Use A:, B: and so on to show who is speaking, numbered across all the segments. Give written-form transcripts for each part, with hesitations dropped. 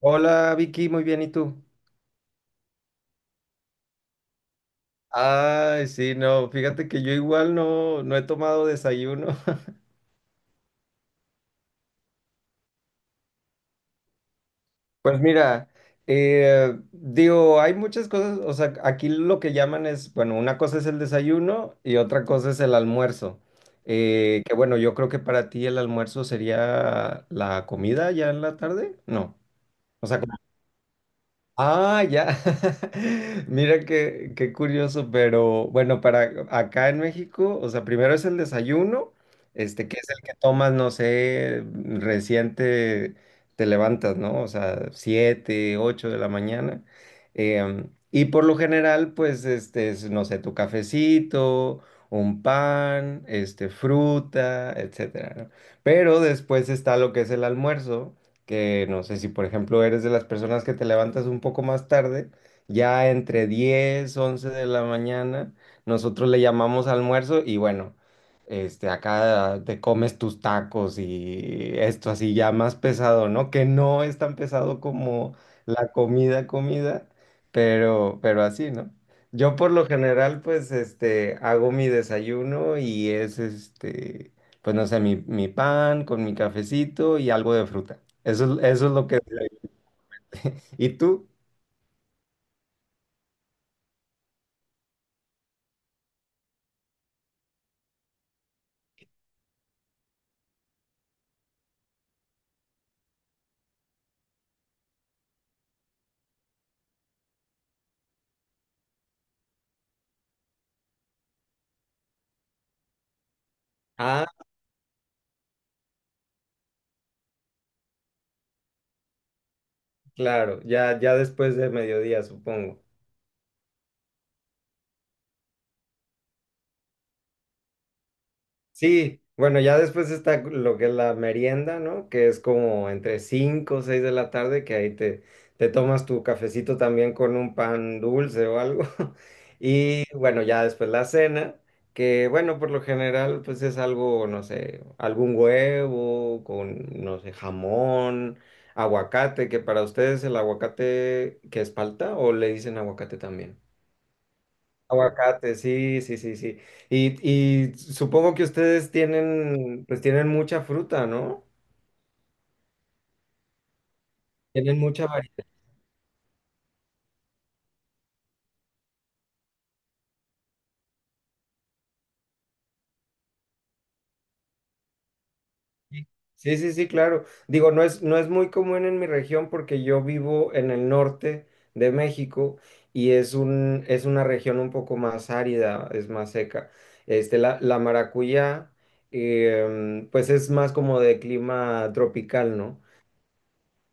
A: Hola Vicky, muy bien, ¿y tú? Ay, sí, no, fíjate que yo igual no he tomado desayuno. Pues mira, digo, hay muchas cosas, o sea, aquí lo que llaman es, bueno, una cosa es el desayuno y otra cosa es el almuerzo. Que bueno, yo creo que para ti el almuerzo sería la comida ya en la tarde, ¿no? O sea, ah, ya. Mira qué curioso, pero bueno, para acá en México, o sea, primero es el desayuno, este, que es el que tomas, no sé, reciente te levantas, ¿no? O sea, siete, ocho de la mañana. Y por lo general, pues, este, es, no sé, tu cafecito, un pan, este, fruta, etcétera, ¿no? Pero después está lo que es el almuerzo, que no sé si por ejemplo eres de las personas que te levantas un poco más tarde, ya entre 10 11 de la mañana, nosotros le llamamos almuerzo y bueno, este, acá te comes tus tacos y esto así ya más pesado, ¿no? Que no es tan pesado como la comida, comida, pero así, ¿no? Yo por lo general pues este hago mi desayuno y es este pues no sé, mi pan con mi cafecito y algo de fruta. Eso, eso es lo que... ¿Y tú? Ah, claro, ya, ya después de mediodía, supongo. Sí, bueno, ya después está lo que es la merienda, ¿no? Que es como entre 5 o 6 de la tarde, que ahí te, te tomas tu cafecito también con un pan dulce o algo. Y bueno, ya después la cena, que bueno, por lo general, pues es algo, no sé, algún huevo con, no sé, jamón, aguacate, que para ustedes el aguacate, ¿que es palta o le dicen aguacate también? Aguacate, sí, sí, sí, sí. Y supongo que ustedes tienen, pues tienen mucha fruta, ¿no? Tienen mucha variedad. Sí, sí, sí, claro. Digo, no es muy común en mi región porque yo vivo en el norte de México y es un, es una región un poco más árida, es más seca. Este, la maracuyá, pues es más como de clima tropical, ¿no?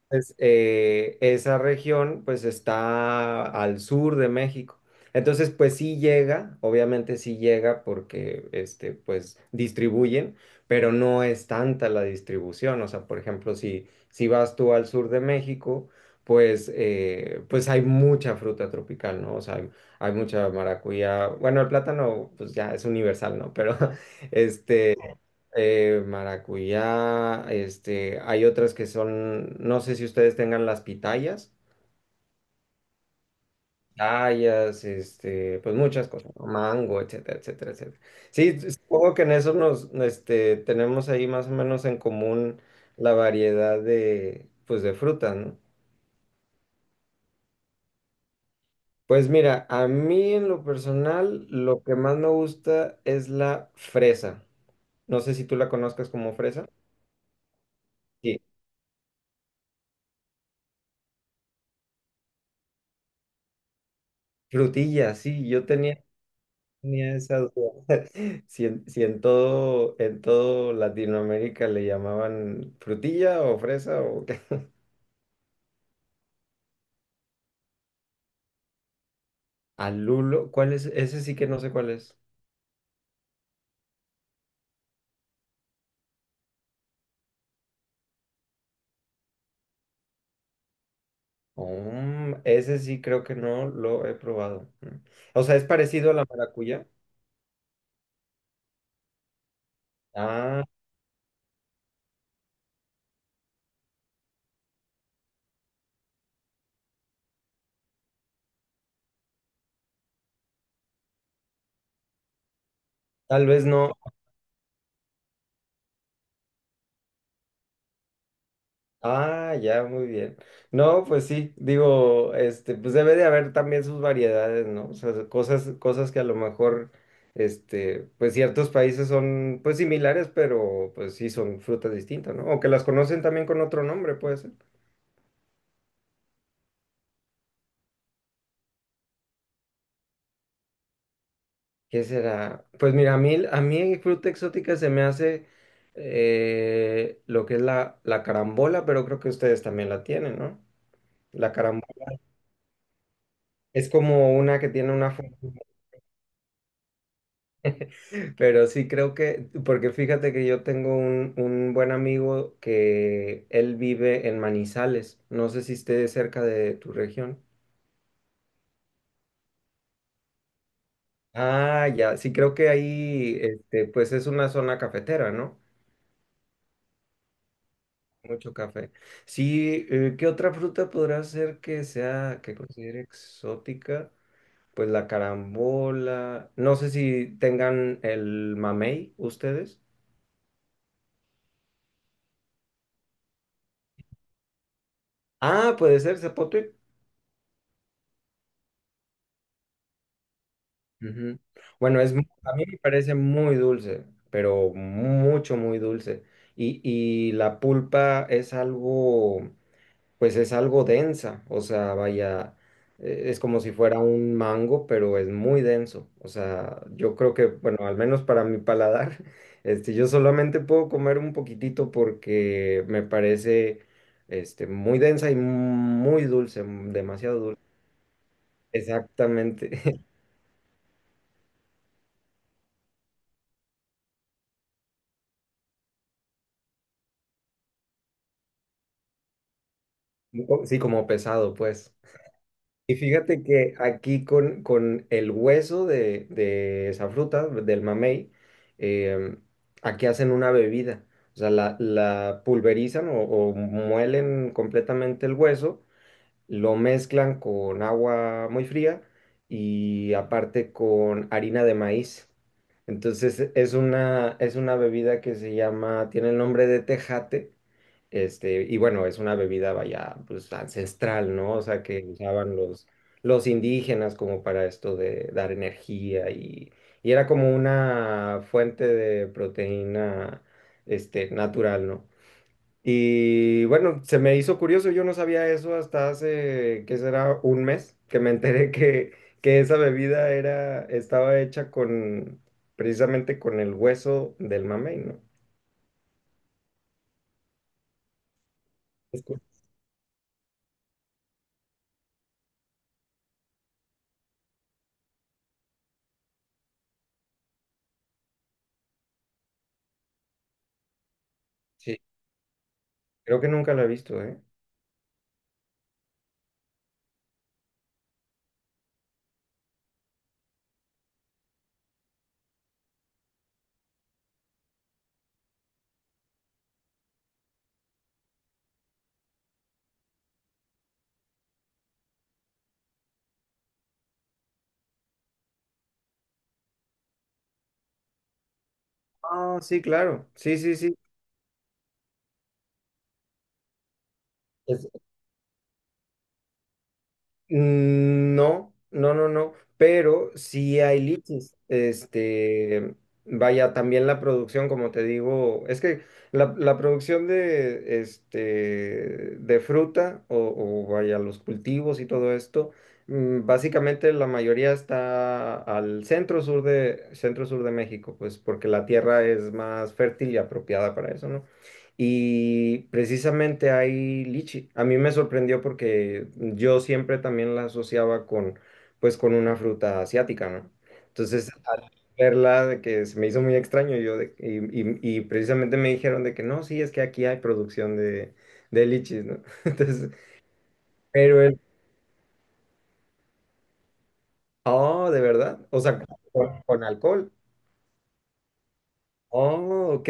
A: Entonces, esa región pues está al sur de México. Entonces, pues sí llega, obviamente sí llega porque este, pues distribuyen, pero no es tanta la distribución. O sea, por ejemplo, si vas tú al sur de México, pues, pues hay mucha fruta tropical, ¿no? O sea, hay mucha maracuyá. Bueno, el plátano pues ya es universal, ¿no? Pero este maracuyá, este, hay otras que son, no sé si ustedes tengan las pitayas, pitayas, este, pues muchas cosas, ¿no? Mango, etcétera, etcétera, etcétera. Sí, supongo que en eso nos, este, tenemos ahí más o menos en común la variedad de, pues de frutas, ¿no? Pues mira, a mí en lo personal lo que más me gusta es la fresa. No sé si tú la conozcas como fresa. Sí, frutilla, sí, yo tenía tenía esa duda. Si en, si en todo, en todo Latinoamérica le llamaban frutilla o fresa o qué. ¿Al lulo cuál es? Ese sí que no sé cuál es. Mm, ese sí creo que no lo he probado. Mm. O sea, es parecido a la maracuyá. Ah, tal vez no. Ah, ya, muy bien. No, pues sí, digo, este, pues debe de haber también sus variedades, ¿no? O sea, cosas, cosas que a lo mejor, este, pues ciertos países son, pues similares, pero pues sí son frutas distintas, ¿no? O que las conocen también con otro nombre, puede ser. ¿Qué será? Pues mira, a mí fruta exótica se me hace lo que es la carambola, pero creo que ustedes también la tienen, ¿no? La carambola es como una que tiene una forma. Pero sí creo que, porque fíjate que yo tengo un buen amigo que él vive en Manizales. No sé si esté cerca de tu región. Ah, ya, sí creo que ahí, este, pues es una zona cafetera, ¿no? Mucho café. Sí, ¿qué otra fruta podrá ser que sea, que considere exótica? Pues la carambola. No sé si tengan el mamey ustedes. Ah, puede ser zapote. Ujú. Bueno, es, a mí me parece muy dulce, pero mucho, muy dulce. Y la pulpa es algo, pues es algo densa, o sea, vaya, es como si fuera un mango, pero es muy denso. O sea, yo creo que, bueno, al menos para mi paladar, este, yo solamente puedo comer un poquitito porque me parece, este, muy densa y muy dulce, demasiado dulce. Exactamente. Sí, como pesado, pues. Y fíjate que aquí con el hueso de esa fruta, del mamey, em, aquí hacen una bebida. O sea, la pulverizan o muelen completamente el hueso, lo mezclan con agua muy fría y aparte con harina de maíz. Entonces es una bebida que se llama, tiene el nombre de tejate, este, y bueno, es una bebida vaya, pues ancestral, ¿no? O sea, que usaban los indígenas como para esto de dar energía y era como una fuente de proteína, este, natural, ¿no? Y bueno, se me hizo curioso, yo no sabía eso hasta hace, ¿qué será? Un mes, que me enteré que esa bebida era, estaba hecha con, precisamente con el hueso del mamey, ¿no? Es cu- Sí, creo que nunca la he visto, ¿eh? Ah, sí, claro. Sí, sí, sí. Es- Mm, no, no, no, no. Pero sí hay lichis. Este, vaya, también la producción, como te digo, es que la producción de, este, de fruta o vaya, los cultivos y todo esto, mm, básicamente la mayoría está al centro sur de México, pues porque la tierra es más fértil y apropiada para eso, ¿no? Y precisamente hay lichi. A mí me sorprendió porque yo siempre también la asociaba con, pues, con una fruta asiática, ¿no? Entonces, al verla, de que se me hizo muy extraño, y, y precisamente me dijeron de que no, sí, es que aquí hay producción de lichis, ¿no? Entonces, pero el, oh, de verdad, o sea, con alcohol. Oh, ok,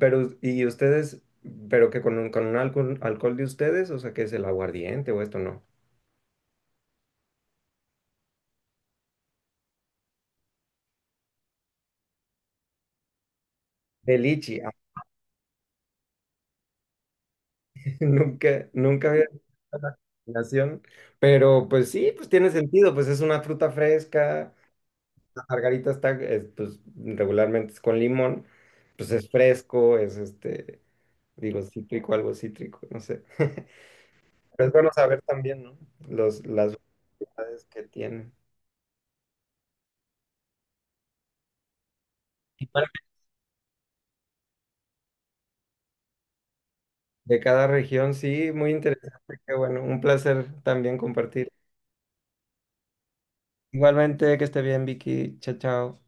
A: pero, ¿y ustedes, pero que con, con un alcohol, alcohol de ustedes, o sea, que es el aguardiente o esto, no? De lichi. Nunca había visto la combinación, pero pues sí, pues tiene sentido, pues es una fruta fresca, la margarita está, es, pues regularmente es con limón, pues es fresco, es este, digo, cítrico, algo cítrico, no sé. Pero es bueno saber también, ¿no? Los, las variedades que tiene. Y parte de cada región, sí, muy interesante, qué bueno, un placer también compartir. Igualmente, que esté bien, Vicky, chao, chao.